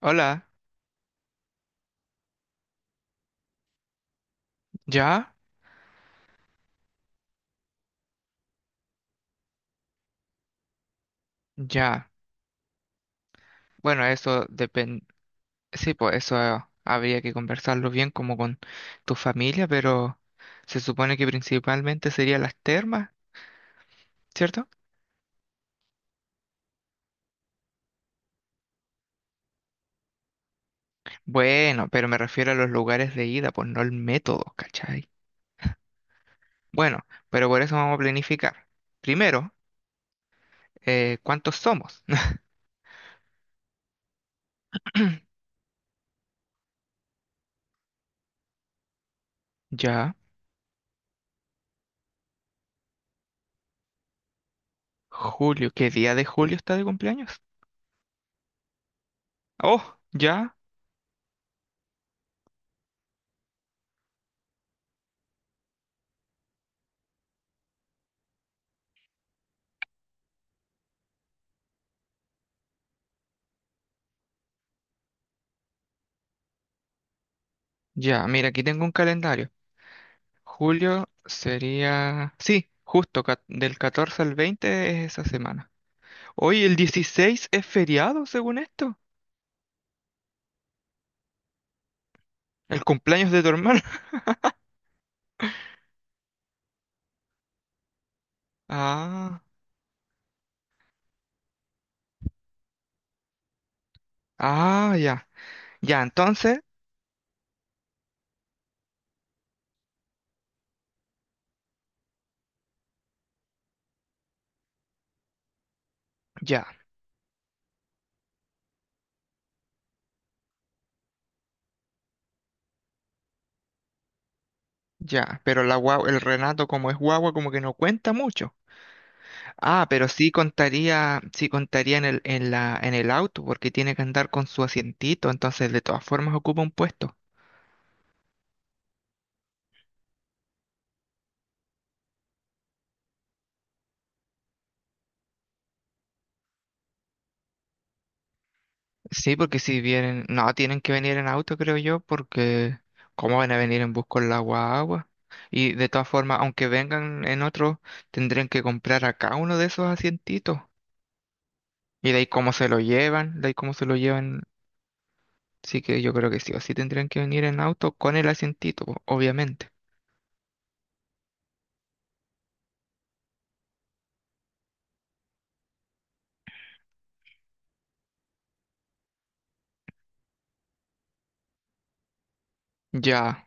Hola, ¿ya? Ya. Bueno, eso depende. Sí, pues eso habría que conversarlo bien como con tu familia, pero se supone que principalmente serían las termas, ¿cierto? Bueno, pero me refiero a los lugares de ida, pues no el método, ¿cachai? Bueno, pero por eso vamos a planificar. Primero, ¿cuántos somos? Ya. Julio, ¿qué día de julio está de cumpleaños? Oh, ya, ya. Mira, aquí tengo un calendario. Julio sería... Sí, justo del 14 al 20 es esa semana. Hoy el 16 es feriado, según esto. El cumpleaños de tu hermano. Ah, ah, ya. Ya, entonces, ya, ya. Pero la guagua, el Renato como es guagua, como que no cuenta mucho. Ah, pero sí contaría en el auto, porque tiene que andar con su asientito, entonces de todas formas ocupa un puesto. Sí, porque si vienen, no, tienen que venir en auto, creo yo, porque ¿cómo van a venir en bus con la guagua? Y de todas formas, aunque vengan en otro, tendrían que comprar acá uno de esos asientitos. Y de ahí cómo se lo llevan, de ahí cómo se lo llevan. Sí que yo creo que sí o sí tendrían que venir en auto con el asientito, po, obviamente. Ya,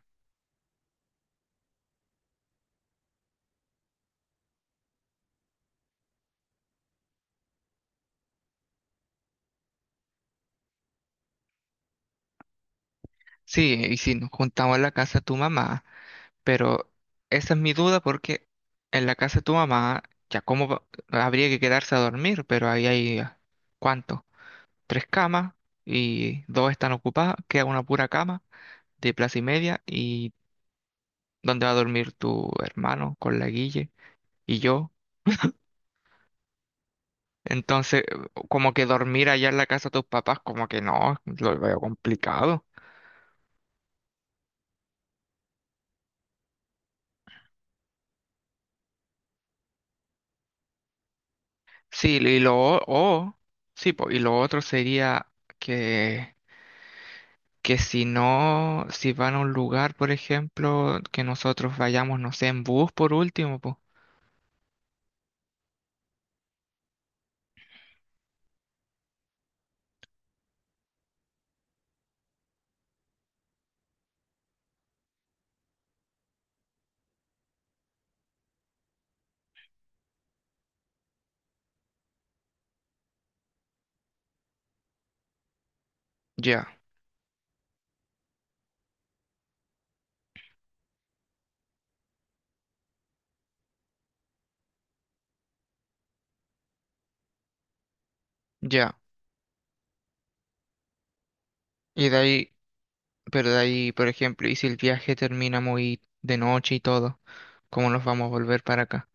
sí, y si nos juntamos en la casa de tu mamá. Pero esa es mi duda porque en la casa de tu mamá, ya habría que quedarse a dormir, pero ahí hay, ah, ¿cuánto? Tres camas y dos están ocupadas, queda una pura cama de plaza y media y donde va a dormir tu hermano con la Guille y yo. Entonces, como que dormir allá en la casa de tus papás, como que no, lo veo complicado. Sí, y lo, o, sí, po, y lo otro sería que que si no, si van a un lugar, por ejemplo, que nosotros vayamos, no sé, en bus por último, pues. Ya, ya. Y de ahí, pero de ahí, por ejemplo, y si el viaje termina muy de noche y todo, ¿cómo nos vamos a volver para acá?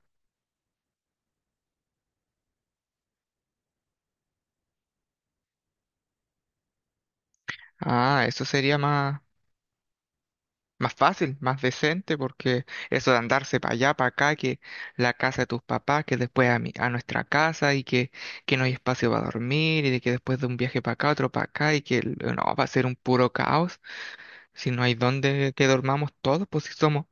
Ah, eso sería más, más fácil, más decente, porque eso de andarse para allá, para acá, que la casa de tus papás, que después a mi, a nuestra casa y que no hay espacio para dormir y de que después de un viaje para acá, otro para acá y no, va a ser un puro caos. Si no hay dónde que dormamos todos, pues si somos,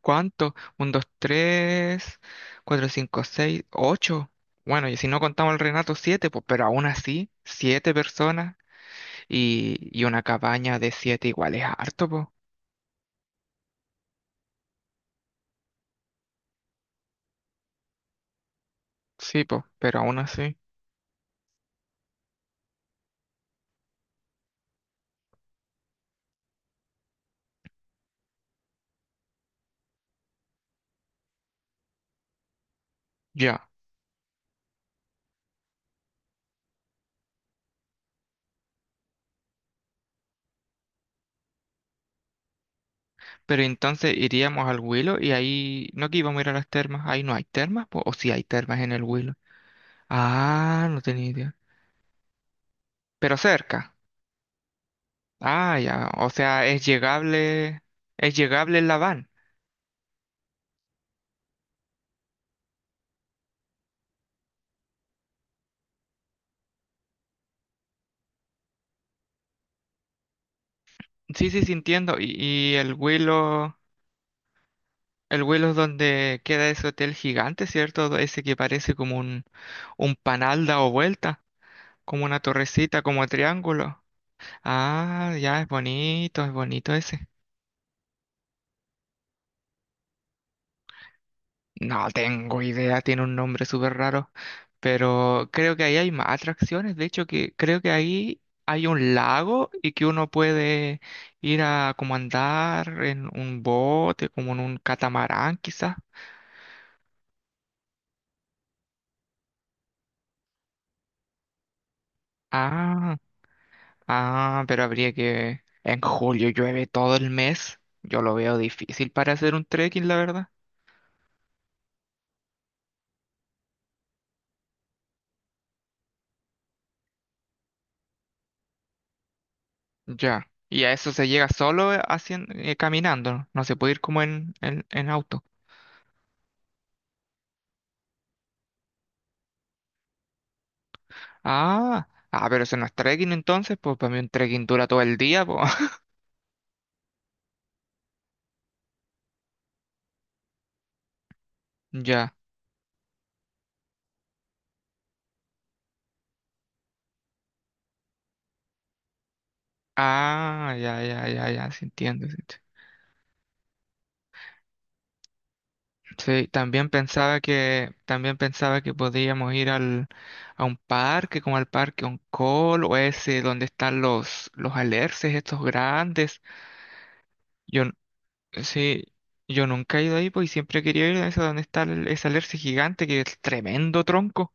¿cuántos? Un, dos, tres, cuatro, cinco, seis, ocho. Bueno, y si no contamos el Renato, siete, pues, pero aún así, siete personas y una cabaña de siete igual es harto, pues. Sí, pues, pero aún así, ya. Pero entonces iríamos al Huilo y ahí, no que íbamos a ir a las termas, ahí no hay termas, pues, o si hay termas en el Huilo. Ah, no tenía idea. Pero cerca. Ah, ya, o sea, es llegable en la van. Sí, sí, sí, entiendo. Y el Willow es donde queda ese hotel gigante, ¿cierto? Ese que parece como un panal dado vuelta, como una torrecita, como triángulo. Ah, ya, es bonito ese. No tengo idea, tiene un nombre súper raro. Pero creo que ahí hay más atracciones. De hecho, que creo que ahí hay un lago y que uno puede ir a como andar en un bote, como en un catamarán, quizás. Ah. Ah, pero habría que... En julio llueve todo el mes. Yo lo veo difícil para hacer un trekking, la verdad. Ya. Y a eso se llega solo haciendo, caminando. No se puede ir como en auto. Ah, ah, pero eso no es trekking entonces. Pues para mí un trekking dura todo el día, pues. Ya. Ah, ya, ya, ya, ya. Sí entiendo. Sí. Sí, también pensaba que podíamos ir al, a un parque, como al parque Oncol, o ese donde están los alerces estos grandes. Yo, n- sí, yo nunca he ido ahí, pues, y siempre quería ir a ese donde está ese alerce gigante, que es tremendo tronco.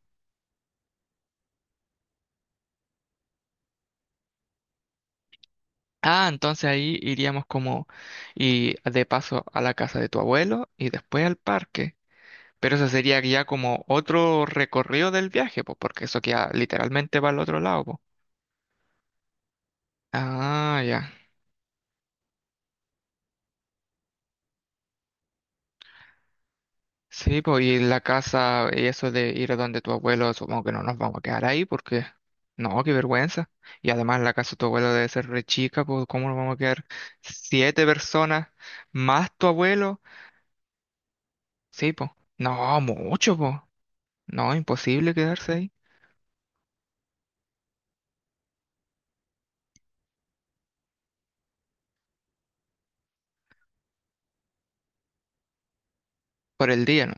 Ah, entonces ahí iríamos como, y de paso a la casa de tu abuelo, y después al parque. Pero eso sería ya como otro recorrido del viaje, pues, porque eso queda literalmente para el otro lado. Ah, ya. Sí, pues y la casa y eso de ir a donde tu abuelo, supongo que no nos vamos a quedar ahí porque... No, qué vergüenza. Y además la casa de tu abuelo debe ser re chica, pues ¿cómo nos vamos a quedar siete personas más tu abuelo? Sí, pues. No, mucho, pues. No, imposible quedarse ahí por el día, ¿no?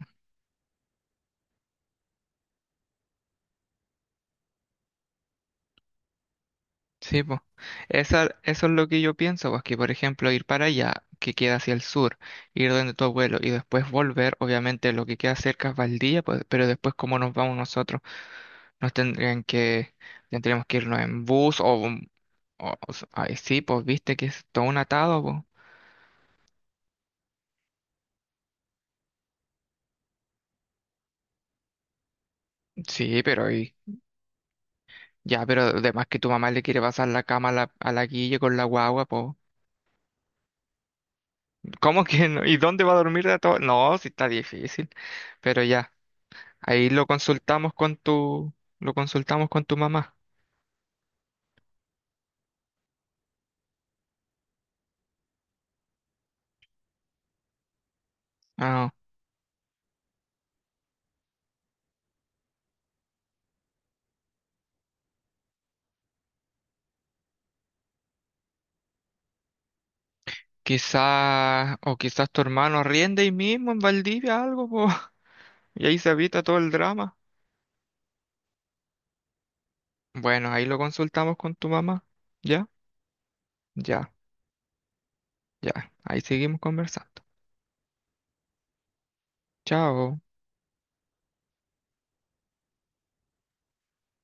Sí, pues. Esa, eso es lo que yo pienso, pues que por ejemplo ir para allá, que queda hacia el sur, ir donde tu abuelo y después volver, obviamente lo que queda cerca es Valdivia, pues, pero después cómo nos vamos nosotros, nos tendrían que, tendríamos que irnos en bus o, ay, sí, pues viste que es todo un atado, pues. Sí, pero y, ya, pero además que tu mamá le quiere pasar la cama a la Guille con la guagua, pues. ¿Cómo que no? ¿Y dónde va a dormir de todo? No, sí está difícil, pero ya. Ahí lo consultamos con tu, lo consultamos con tu mamá. Ah, quizás, o quizás tu hermano riende ahí mismo en Valdivia algo, po, y ahí se evita todo el drama. Bueno, ahí lo consultamos con tu mamá. ¿Ya? Ya, ya. Ahí seguimos conversando. Chao.